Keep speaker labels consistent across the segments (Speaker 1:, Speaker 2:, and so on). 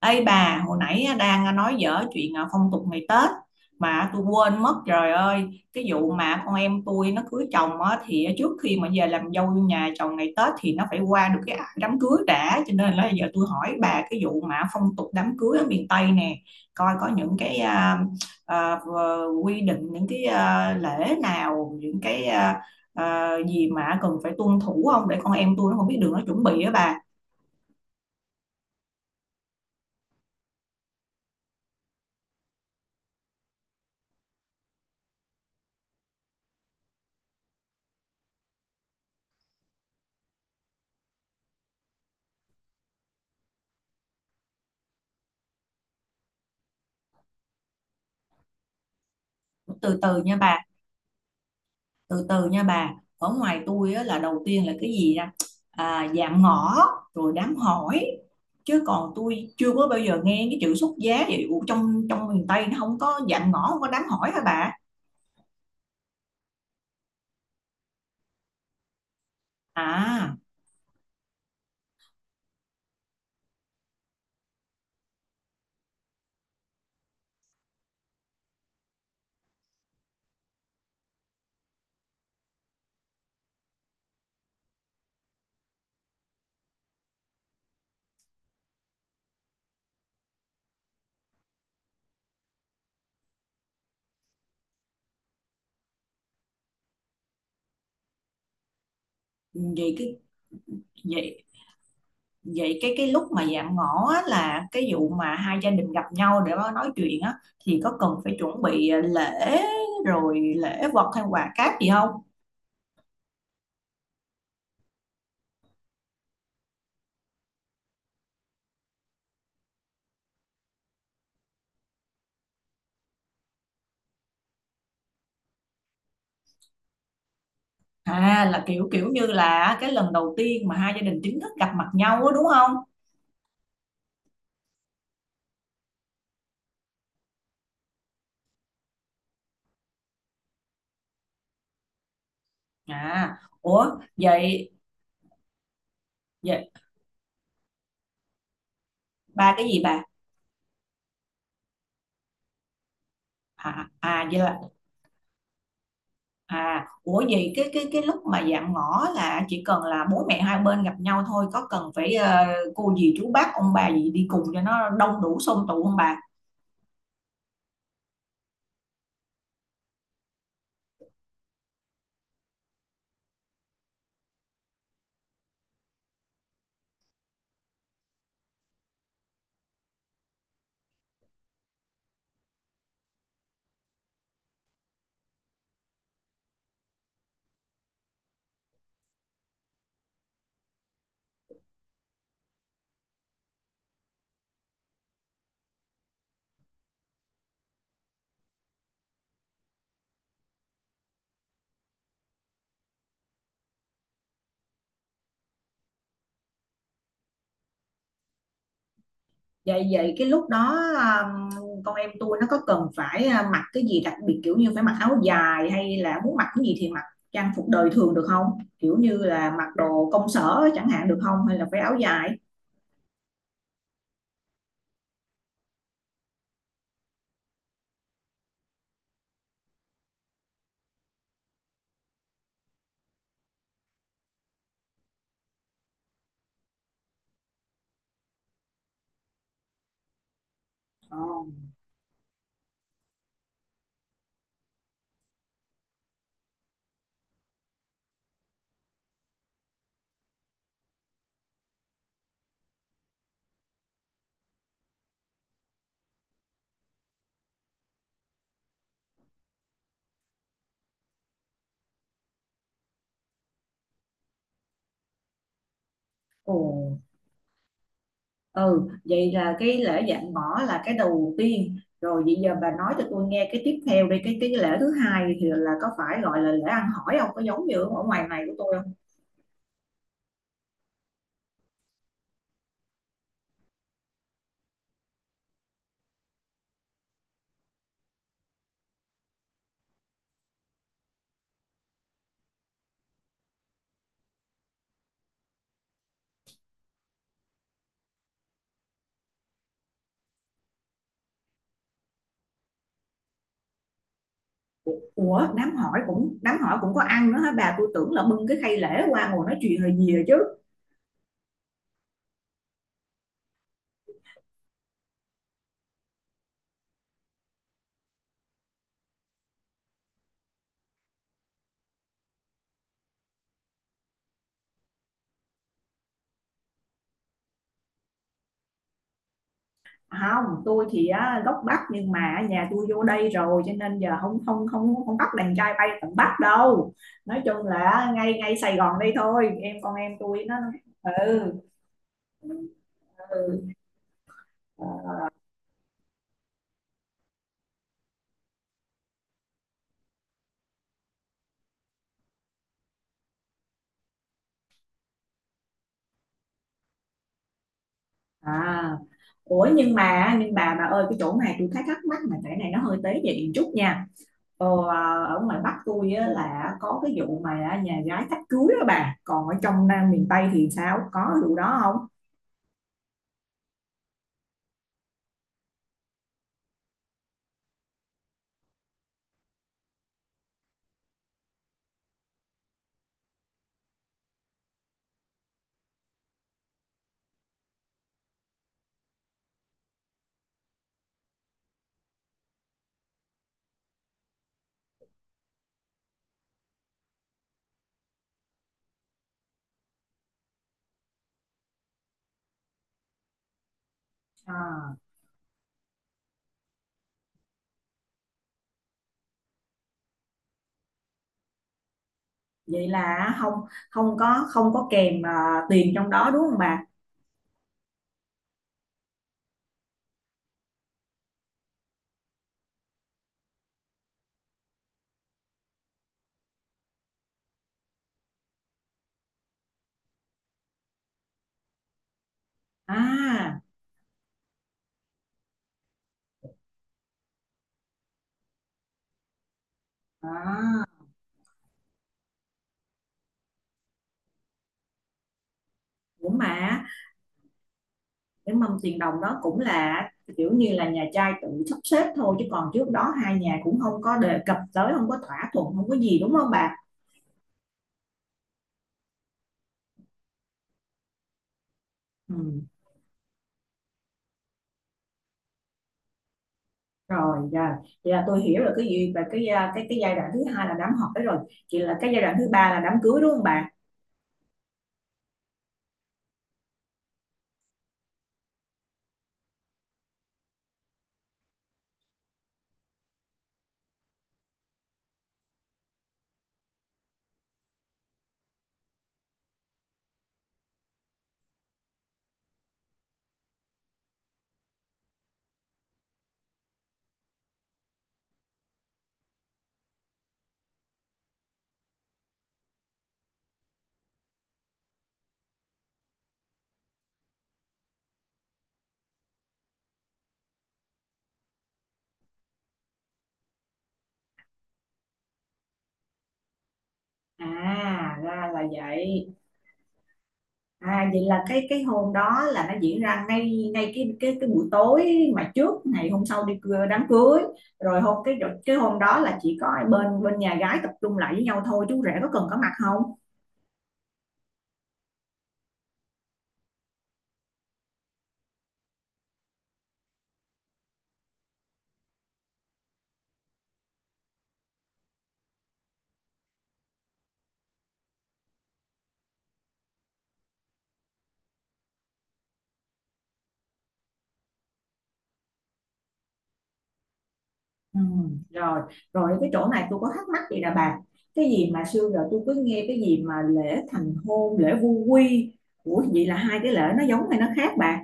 Speaker 1: Ê bà, hồi nãy đang nói dở chuyện phong tục ngày Tết mà tôi quên mất trời ơi cái vụ mà con em tôi nó cưới chồng á, thì trước khi mà về làm dâu nhà chồng ngày Tết thì nó phải qua được cái đám cưới đã, cho nên là giờ tôi hỏi bà cái vụ mà phong tục đám cưới ở miền Tây nè, coi có những cái à, quy định, những cái lễ nào, những cái gì mà cần phải tuân thủ không, để con em tôi nó không biết đường nó chuẩn bị á bà. Từ từ nha bà từ từ nha bà ở ngoài tôi á, là đầu tiên là cái gì ra dạng ngõ rồi đám hỏi, chứ còn tôi chưa có bao giờ nghe cái chữ xuất giá vậy. Ủa, trong trong miền Tây nó không có dạng ngõ, không có đám hỏi hả bà? À vậy cái vậy vậy cái cái lúc mà dạng ngõ á, là cái vụ mà hai gia đình gặp nhau để mà nói chuyện á, thì có cần phải chuẩn bị lễ rồi lễ vật hay quà cáp gì không? À, là kiểu kiểu như là cái lần đầu tiên mà hai gia đình chính thức gặp mặt nhau á, đúng không? À, ủa vậy vậy ba cái gì bà? À, à vậy là à ủa vậy cái lúc mà dạm ngõ là chỉ cần là bố mẹ hai bên gặp nhau thôi, có cần phải cô dì chú bác ông bà gì đi cùng cho nó đông đủ xôm tụ không bà? Vậy vậy cái lúc đó con em tôi nó có cần phải mặc cái gì đặc biệt, kiểu như phải mặc áo dài, hay là muốn mặc cái gì thì mặc, trang phục đời thường được không? Kiểu như là mặc đồ công sở chẳng hạn được không, hay là phải áo dài? Ờ. Ồ. Ừ, vậy là cái lễ dạn bỏ là cái đầu tiên rồi. Vậy giờ bà nói cho tôi nghe cái tiếp theo đi, cái lễ thứ hai thì là có phải gọi là lễ ăn hỏi không, có giống như ở ngoài này của tôi không? Ủa, đám hỏi, cũng đám hỏi cũng có ăn nữa hả bà? Tôi tưởng là bưng cái khay lễ qua ngồi nói chuyện là gì rồi chứ. Không, tôi thì á, gốc Bắc nhưng mà nhà tôi vô đây rồi, cho nên giờ không không không không bắt đàn trai bay tận Bắc đâu. Nói chung là ngay ngay Sài Gòn đây thôi, em con em tôi nó. Ừ, ừ. À, ủa nhưng mà nhưng bà ơi, cái chỗ này tôi thấy thắc mắc, mà cái này nó hơi tế nhị một chút nha. Ờ, ở ngoài Bắc tôi á, là có cái vụ mà nhà gái thách cưới đó bà. Còn ở trong Nam miền Tây thì sao? Có vụ đó không? À, vậy là không, không có, không có kèm tiền trong đó đúng không bà? À, à ủa mà cái mâm tiền đồng đó cũng là kiểu như là nhà trai tự sắp xếp thôi, chứ còn trước đó hai nhà cũng không có đề cập tới, không có thỏa thuận, không có gì, đúng không bà? Ừ, rồi dạ. Vậy là tôi hiểu là cái gì và cái giai đoạn thứ hai là đám hỏi rồi, chỉ là cái giai đoạn thứ ba là đám cưới đúng không bà? À, ra là vậy. À, vậy là cái hôm đó là nó diễn ra ngay ngay cái buổi tối mà trước ngày hôm sau đi đám cưới. Rồi hôm cái hôm đó là chỉ có bên bên nhà gái tập trung lại với nhau thôi, chú rể có cần có mặt không? Ừ, rồi. Rồi cái chỗ này tôi có thắc mắc gì là bà, cái gì mà xưa giờ tôi cứ nghe cái gì mà lễ thành hôn, lễ vu quy, ủa vậy là hai cái lễ nó giống hay nó khác bà?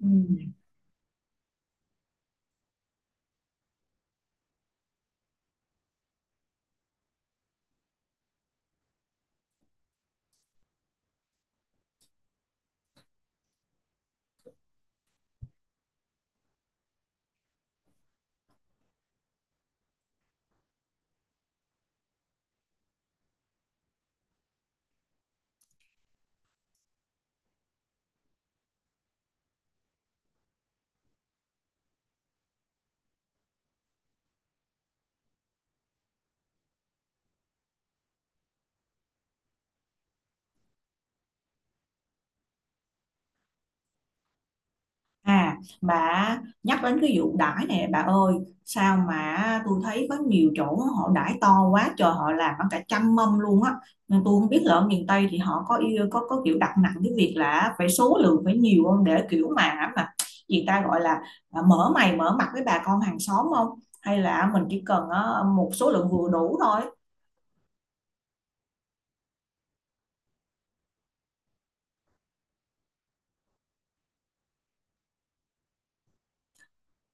Speaker 1: Ừ. À, bà nhắc đến cái vụ đãi nè bà ơi, sao mà tôi thấy có nhiều chỗ họ đãi to quá trời, họ làm bằng cả trăm mâm luôn á, nên tôi không biết là ở miền Tây thì họ có yêu, có kiểu đặt nặng cái việc là phải số lượng phải nhiều không, để kiểu mà gì ta gọi là mở mày mở mặt với bà con hàng xóm không, hay là mình chỉ cần một số lượng vừa đủ thôi?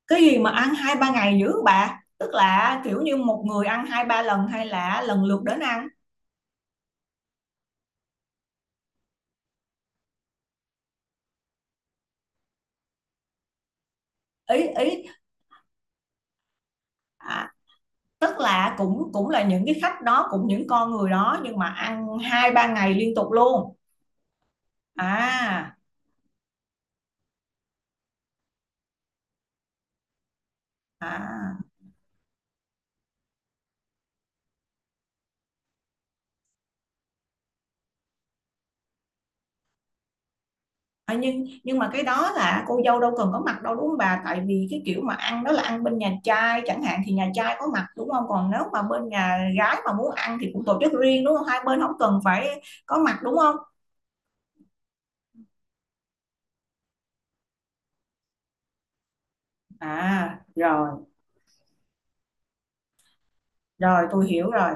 Speaker 1: Cái gì mà ăn hai ba ngày dữ bà, tức là kiểu như một người ăn hai ba lần hay là lần lượt đến ăn? Ý ý à, Tức là cũng, cũng là những cái khách đó, cũng những con người đó nhưng mà ăn hai ba ngày liên tục luôn. À, à. À, nhưng mà cái đó là cô dâu đâu cần có mặt đâu đúng không bà? Tại vì cái kiểu mà ăn đó là ăn bên nhà trai chẳng hạn thì nhà trai có mặt đúng không? Còn nếu mà bên nhà gái mà muốn ăn thì cũng tổ chức riêng đúng không? Hai bên không cần phải có mặt đúng không? À, rồi, rồi tôi hiểu rồi.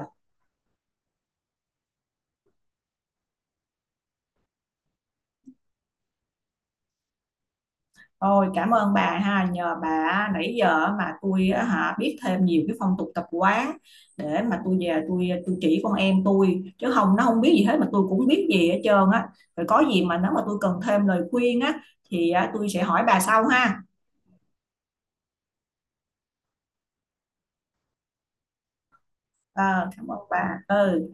Speaker 1: Ôi cảm ơn bà ha, nhờ bà nãy giờ mà tôi á hả biết thêm nhiều cái phong tục tập quán để mà tôi về, tôi chỉ con em tôi, chứ không nó không biết gì hết mà tôi cũng biết gì hết trơn á. Rồi có gì mà nếu mà tôi cần thêm lời khuyên á thì á, tôi sẽ hỏi bà sau ha. Ờ, cảm ơn bà. Ừ.